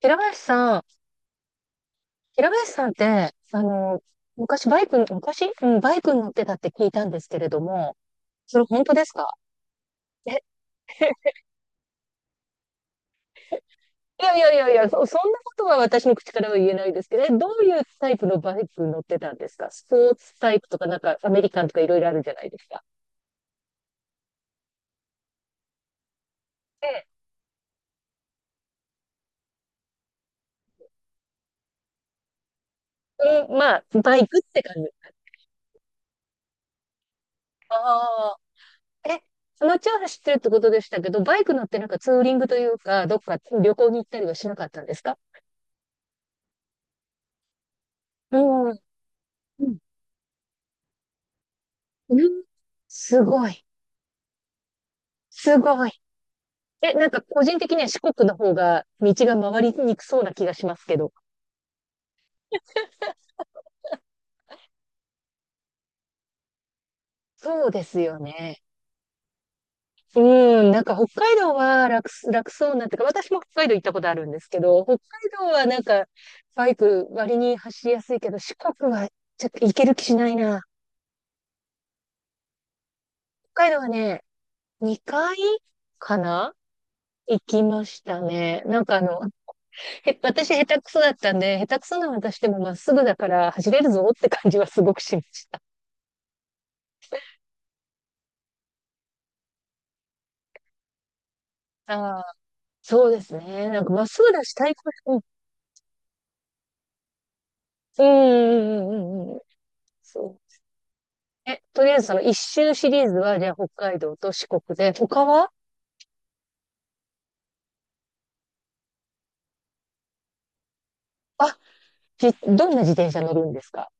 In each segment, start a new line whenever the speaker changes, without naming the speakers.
平林さん、平林さんって、昔バイク、昔、バイクに乗ってたって聞いたんですけれども、それ本当ですか？え、いやいやいやいや、そんなことは私の口からは言えないですけど、え、どういうタイプのバイクに乗ってたんですか？スポーツタイプとか、なんかアメリカンとかいろいろあるじゃないですか。ええ、うん、まあ、バイクって感じ。ああ、え、そのうちは走ってるってことでしたけど、バイク乗ってなんかツーリングというか、どっか旅行に行ったりはしなかったんですか？うん。うんうん、すごい。すごい。え、なんか個人的には四国の方が道が回りにくそうな気がしますけど。そうですよね。うん、なんか北海道は楽そうなってか、私も北海道行ったことあるんですけど、北海道はなんかバイク割に走りやすいけど、四国はちょっと行ける気しないな。北海道はね、2回かな、行きましたね。私下手くそだったんで、下手くそな私でもまっすぐだから走れるぞって感じはすごくしました。ああ、そうですね。なんか、まっすぐだし、対抗、うん、うん、うん、うん、うんうん。そう。え、とりあえずその一周シリーズは、じゃあ北海道と四国で、他は？あ、どんな自転車乗るんですか？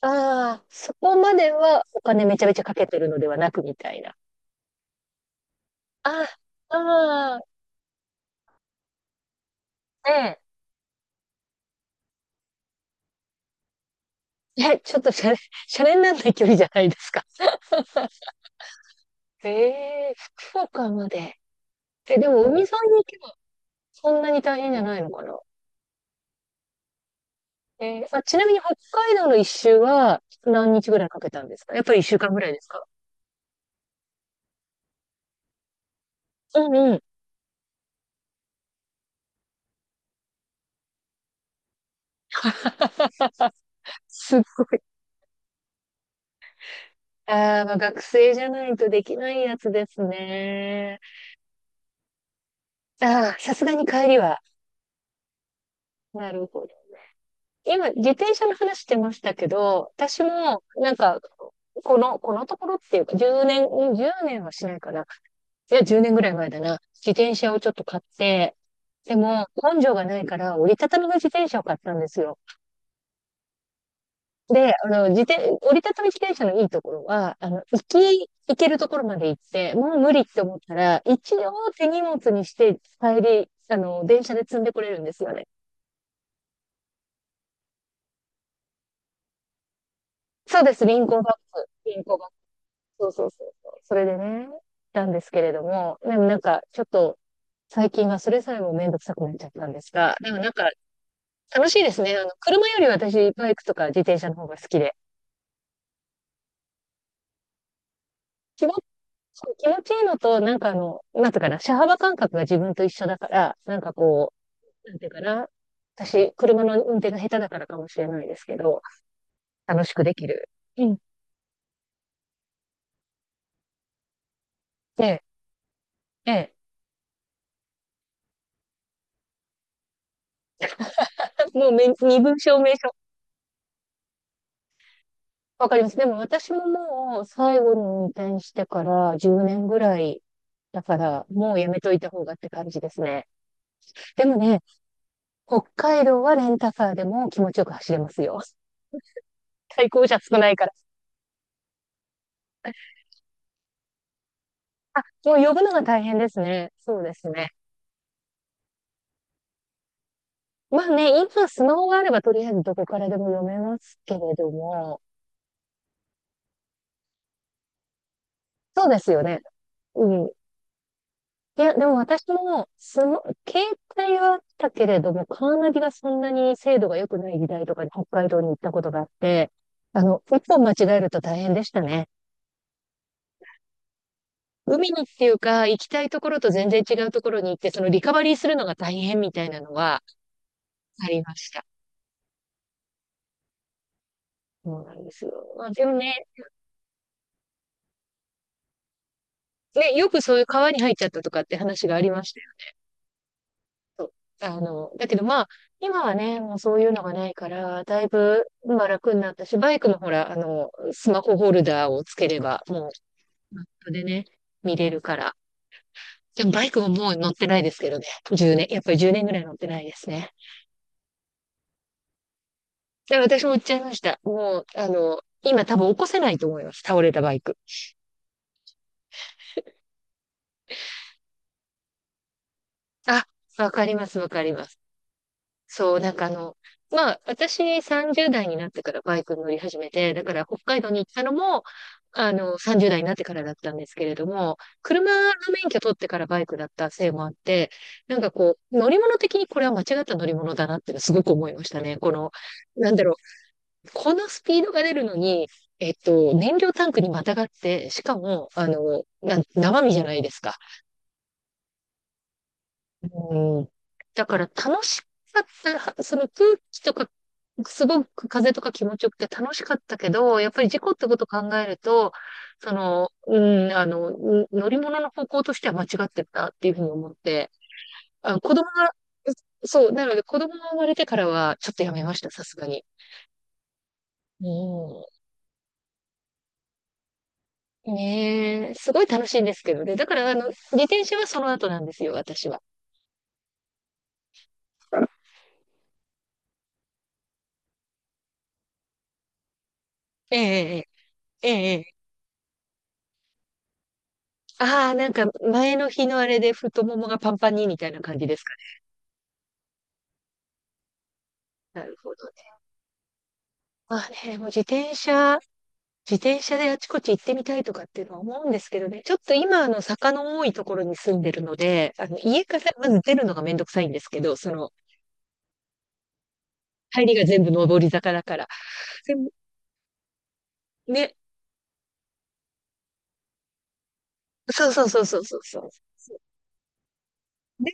ああー、そこまではお金めちゃめちゃかけてるのではなくみたいな。ああ、ああ、ねえ。え、ちょっとシャレ、シャレになんない距離じゃないですか。ええ、福岡まで。え、でも海沿いに行けばそんなに大変じゃないのかな？えー、あ、ちなみに北海道の一周は何日ぐらいかけたんですか？やっぱり一週間ぐらいですか？うんうん。すごい。ああ、まあ学生じゃないとできないやつですね。ああ、さすがに帰りは。なるほど。今、自転車の話してましたけど、私も、なんか、この、このところっていうか、10年、年はしないかな。いや、10年ぐらい前だな。自転車をちょっと買って、でも、根性がないから、折りたたみの自転車を買ったんですよ。で、あの、折りたたみ自転車のいいところは、あの、行けるところまで行って、もう無理って思ったら、一応手荷物にして、帰り、あの、電車で積んでこれるんですよね。そうです、リンコーバッグ。リンコーバッグ。そうそうそうそう。それでね、なんですけれども、でもなんか、ちょっと、最近はそれさえもめんどくさくなっちゃったんですが、でもなんか、楽しいですね。あの、車より私、バイクとか自転車の方が好きで。仕事そう、気持ちいいのと、なんかあの、なんていうかな、車幅感覚が自分と一緒だから、なんかこう、なんていうかな、私、車の運転が下手だからかもしれないですけど、楽しくできる。うん。で、ええ、もうめ身分証明書。わかります。でも私ももう最後に運転してから10年ぐらいだから、もうやめといた方がって感じですね。でもね、北海道はレンタカーでも気持ちよく走れますよ。対向車少ないから。あ、もう呼ぶのが大変ですね。そうですね。まあね、今スマホがあればとりあえずどこからでも読めますけれども、そうですよね。うん。いや、でも私も、携帯はあったけれども、カーナビがそんなに精度が良くない時代とかに北海道に行ったことがあって、あの、一本間違えると大変でしたね。海にっていうか、行きたいところと全然違うところに行って、そのリカバリーするのが大変みたいなのはありました。そうなんですよ。まあ、でもね、ね、よくそういう川に入っちゃったとかって話がありました。そう、あの、だけどまあ、今はね、もうそういうのがないから、だいぶ、まあ楽になったし、バイクのほら、あの、スマホホルダーをつければ、もう、マップでね、見れるから。でもバイクももう乗ってないですけどね。1年、やっぱり10年ぐらい乗ってないですね。で、私も売っちゃいました。もう、あの、今多分起こせないと思います。倒れたバイク。あ、わかります、わかります。そう、なんかあの、まあ、私30代になってからバイクに乗り始めて、だから北海道に行ったのも、あの、30代になってからだったんですけれども、車の免許取ってからバイクだったせいもあって、なんかこう、乗り物的にこれは間違った乗り物だなっていうのすごく思いましたね。この、なんだろう、このスピードが出るのに、えっと、燃料タンクにまたがって、しかも、あの、生身じゃないですか。うん。だから楽しかった、その空気とかすごく風とか気持ちよくて楽しかったけど、やっぱり事故ってことを考えると、その、うん、あの、うん、乗り物の方向としては間違ってたっていうふうに思って、あ、子供が、そう、なので子供が生まれてからはちょっとやめました、さすがに。うん。ねえ、すごい楽しいんですけどね。だから、あの、自転車はその後なんですよ、私は。ええ、ええ、ええ。ああ、なんか前の日のあれで太ももがパンパンにみたいな感じですか？なるほどね。まあね、もう自転車自転車であちこち行ってみたいとかっていうのは思うんですけどね、ちょっと今、あの、坂の多いところに住んでるので、あの、家からまず出るのがめんどくさいんですけど、その、入りが全部上り坂だから。でも、ね、そうそうそうそうそうそう。で、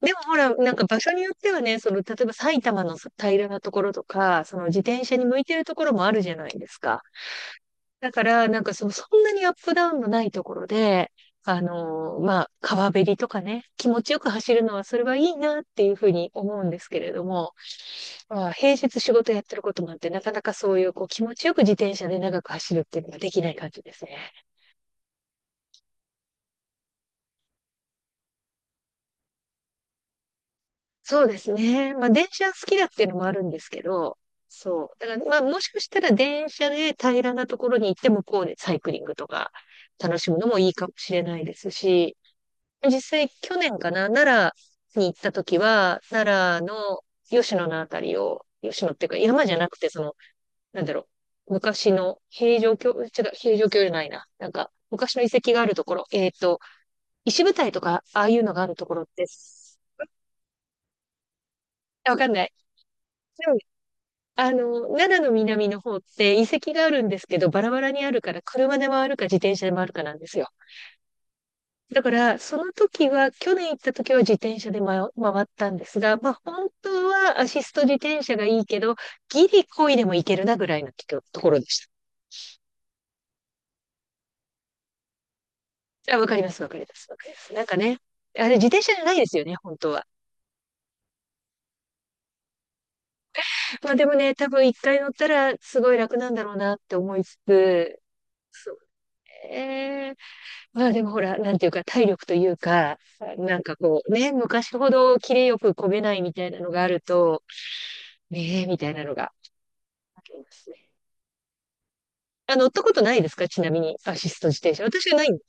でもほら、なんか場所によってはね、その、例えば埼玉の平らなところとか、その自転車に向いてるところもあるじゃないですか。だから、なんかそう、そんなにアップダウンのないところで、あのー、まあ、川べりとかね、気持ちよく走るのは、それはいいなっていうふうに思うんですけれども、まあ、平日仕事やってることもあって、なかなかそういう、こう、気持ちよく自転車で長く走るっていうのができない感じですね。そうですね。まあ、電車好きだっていうのもあるんですけど、そう。だから、まあ、もしかしたら電車で平らなところに行って向こうでサイクリングとか楽しむのもいいかもしれないですし、実際去年かな、奈良に行った時は、奈良の吉野のあたりを、吉野っていうか山じゃなくて、その、なんだろう、昔の平城京、違う、平城京じゃないな。なんか、昔の遺跡があるところ、えっと、石舞台とか、ああいうのがあるところって、あ、わかんない。でも、あの、奈良の南の方って遺跡があるんですけど、バラバラにあるから、車で回るか自転車で回るかなんですよ。だから、その時は、去年行った時は自転車で回ったんですが、まあ、本当はアシスト自転車がいいけど、ギリ漕いでもいけるなぐらいのところでした。あ、わかります、わかります、わかります。なんかね、あれ自転車じゃないですよね、本当は。まあでもね、多分一回乗ったらすごい楽なんだろうなって思いつつ、そうね。まあでもほら、なんていうか体力というか、なんかこうね、昔ほどキレよく漕げないみたいなのがあると、ねえ、みたいなのがありますね。あ、乗ったことないですか？ちなみに、アシスト自転車。私はないんです。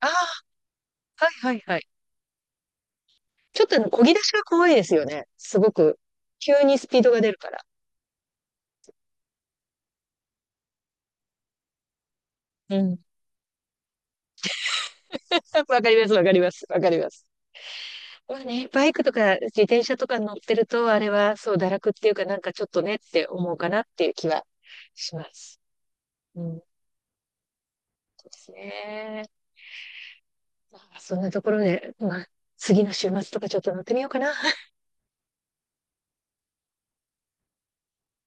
ああ、はいはいはい。ちょっとあの、漕ぎ出しが怖いですよね。すごく。急にスピードが出るから。うん。わかります、わかります、わかります。まあね、バイクとか自転車とか乗ってると、あれはそう、堕落っていうか、なんかちょっとねって思うかなっていう気はします。うん、そうですね。まあ、そんなところで、まあ、次の週末とかちょっと乗ってみようかな。